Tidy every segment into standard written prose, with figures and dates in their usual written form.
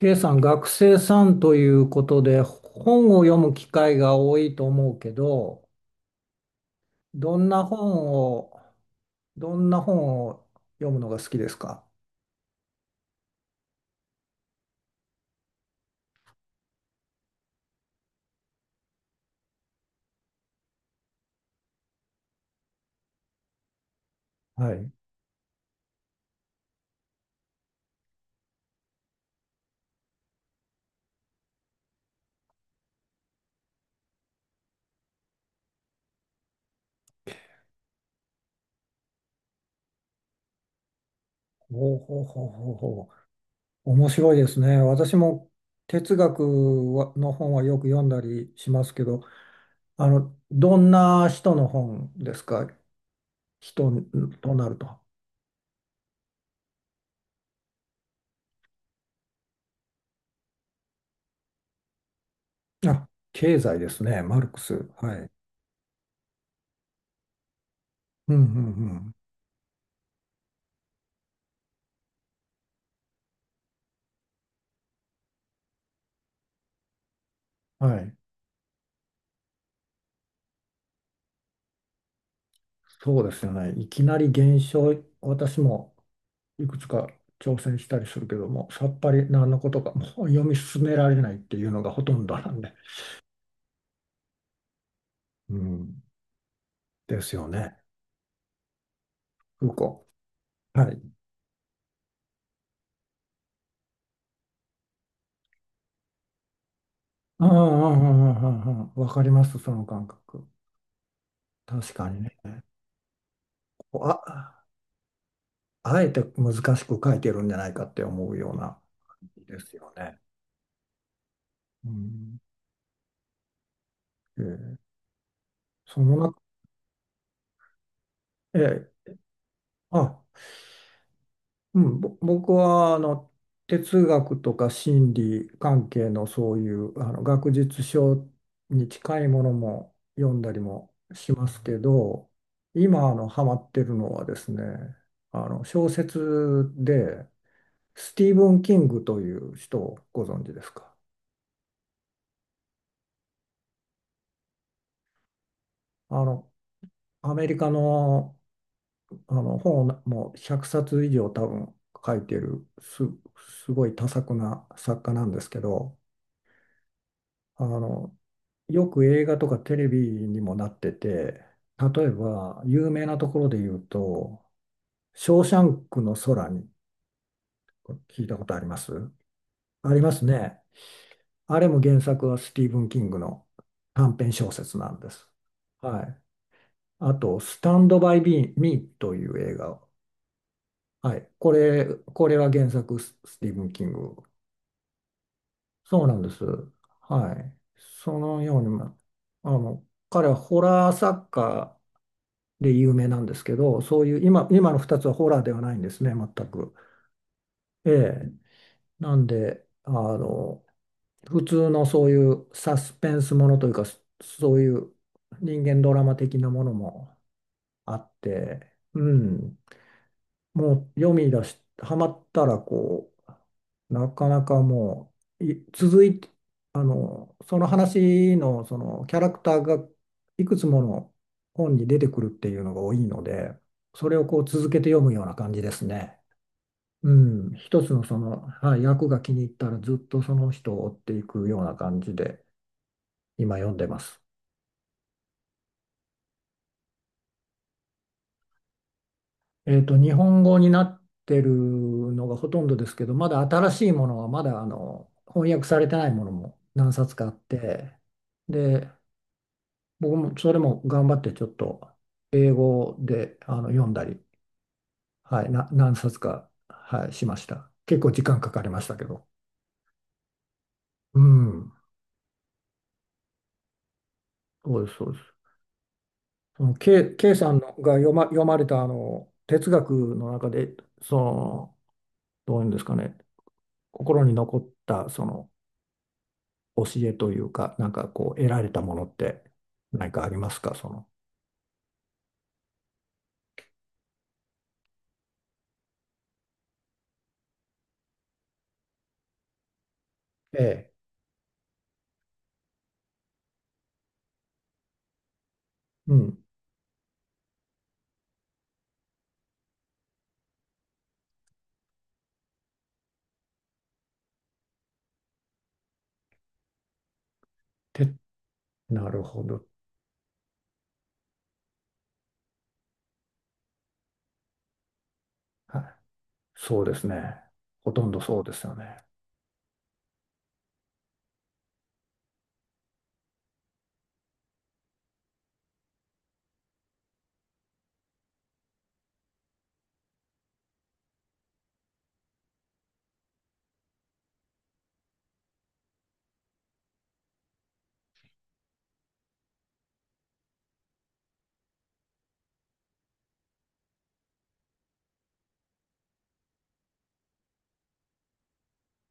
K さん、学生さんということで、本を読む機会が多いと思うけど、どんな本を、どんな本を読むのが好きですか？はい。ほうほうほうほうほう。面白いですね。私も哲学の本はよく読んだりしますけど、あの、どんな人の本ですか？人となると。あ、経済ですね。マルクス。はい。うんうんうん。はい。そうですよね。いきなり減少、私もいくつか挑戦したりするけども、さっぱり何のことかもう読み進められないっていうのがほとんどなんで。うん、ですよね。うこ。はい。ああ、ああ、ああ、ああ、わかります、その感覚。確かにね。こうあ、あえて難しく書いてるんじゃないかって思うような感じですよね。うん、ええ、その中、ええ、あ、うん、僕はあの哲学とか心理関係のそういうあの学術書に近いものも読んだりもしますけど、今あのハマってるのはですね、あの小説でスティーブン・キングという人をご存知ですか？あのアメリカの、あの本をもう100冊以上多分書いてるす、すごい多作な作家なんですけど、あの、よく映画とかテレビにもなってて、例えば有名なところで言うと、ショーシャンクの空に、聞いたことあります？ありますね。あれも原作はスティーブン・キングの短編小説なんです。はい。あと、スタンド・バイ・ミーという映画。はい。これ、これは原作スティーブン・キング。そうなんです。はい。そのように、まあの、彼はホラー作家で有名なんですけど、そういう今の2つはホラーではないんですね、全く。ええ、なんで、あの、普通のそういうサスペンスものというか、そういう人間ドラマ的なものもあって、うん、もう読み出し、ハマったらこう、なかなかもう、い続いて、あの、その話のそのキャラクターがいくつもの本に出てくるっていうのが多いので、それをこう続けて読むような感じですね。うん、一つのその、はい、役が気に入ったらずっとその人を追っていくような感じで今読んでます。えっと、日本語になってるのがほとんどですけど、まだ新しいものは、まだあの翻訳されてないものも何冊かあって、で、僕もそれも頑張ってちょっと英語であの読んだり、はい、な、何冊か、はい、しました。結構時間かかりましたけど。うん、そうです。その K さんのが読まれたあの哲学の中で、その、どういうんですかね、心に残ったその教えというか、なんかこう、得られたものって何かありますか、その。ええ。うん。て、なるほど。はい。そうですね。ほとんどそうですよね。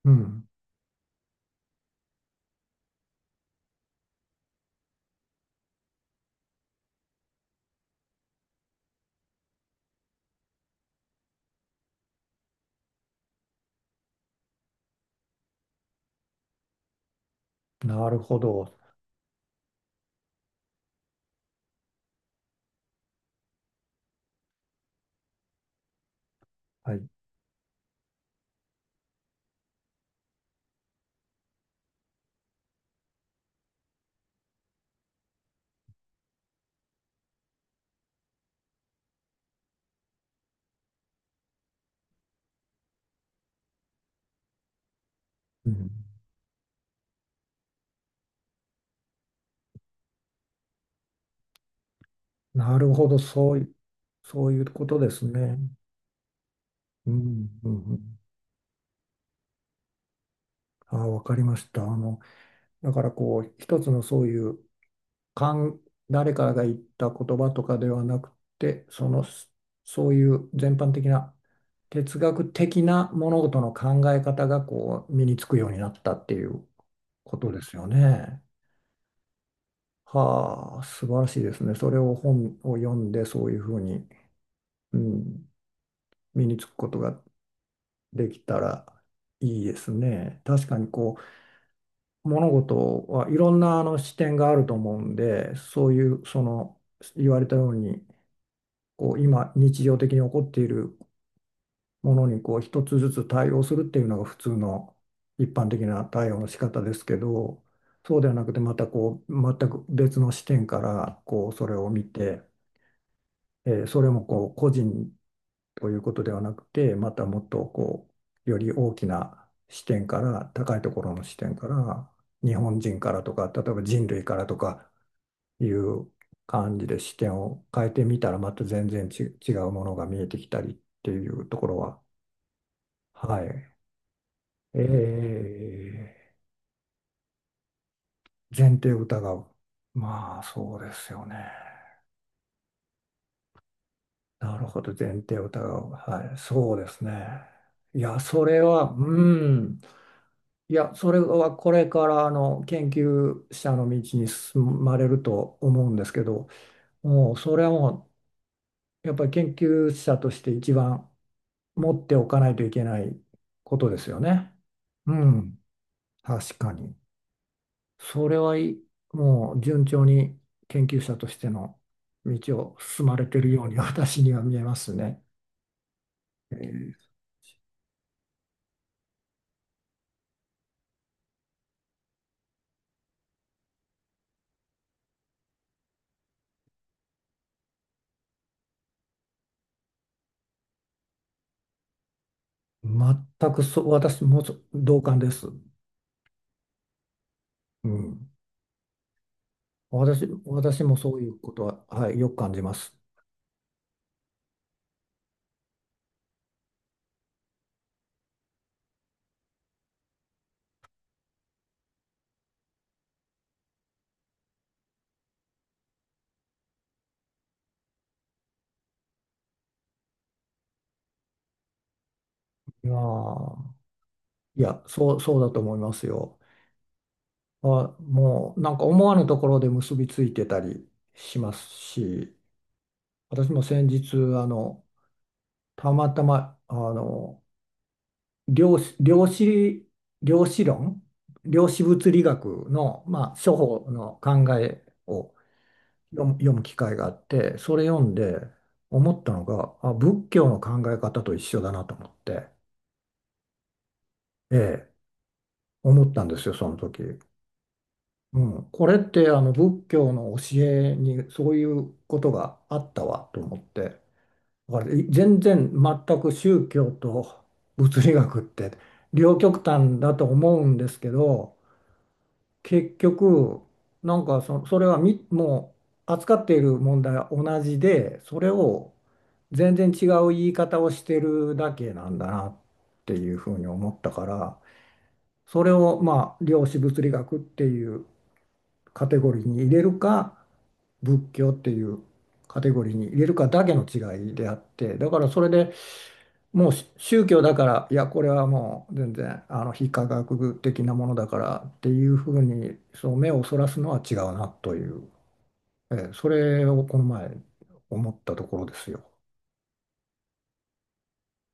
うん。なるほど。はい。うん。なるほど。そういうことですね。うん。うんうん。ああ、わかりました。あの、だからこう、一つのそういうかん、誰かが言った言葉とかではなくて、その、そういう全般的な哲学的な物事の考え方がこう身につくようになったっていうことですよね。はあ、素晴らしいですね。それを本を読んでそういうふうに、うん、身につくことができたらいいですね。確かにこう物事はいろんなあの視点があると思うんで、そういうその言われたようにこう今日常的に起こっているものにこう一つずつ対応するっていうのが普通の一般的な対応の仕方ですけど、そうではなくてまたこう全く別の視点からこうそれを見て、えー、それもこう個人ということではなくてまたもっとこうより大きな視点から高いところの視点から日本人からとか例えば人類からとかいう感じで視点を変えてみたらまた全然ち違うものが見えてきたりっていうところは、はい。えー、前提を疑う。まあそうですよね。なるほど、前提を疑う。はい、そうですね。いや、それは、うん。いや、それはこれからあの研究者の道に進まれると思うんですけど、もうそれはもうやっぱり研究者として一番持っておかないといけないことですよね。うん、確かに。それはいい、もう順調に研究者としての道を進まれているように私には見えますね。えー、全くそう、私もそ同感です。うん。私もそういうことは、はい、よく感じます。いやー、いや、そうだと思いますよ。あ、もうなんか思わぬところで結びついてたりしますし、私も先日、あの、たまたま、あの、量子、量子、量子論、量子物理学の、まあ、初歩の考えを読む機会があって、それ読んで思ったのが、あ、仏教の考え方と一緒だなと思って、ええ、思ったんですよ、その時。うん、これってあの仏教の教えにそういうことがあったわと思って。だから全然全く宗教と物理学って両極端だと思うんですけど、結局なんかそれはみもう扱っている問題は同じでそれを全然違う言い方をしてるだけなんだなっていうふうに思ったから、それをまあ量子物理学っていうカテゴリーに入れるか仏教っていうカテゴリーに入れるかだけの違いであって、だからそれでもうし宗教だから、いや、これはもう全然あの非科学的なものだからっていうふうにそう目をそらすのは違うなという、ええ、それをこの前思ったところですよ。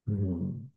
うん。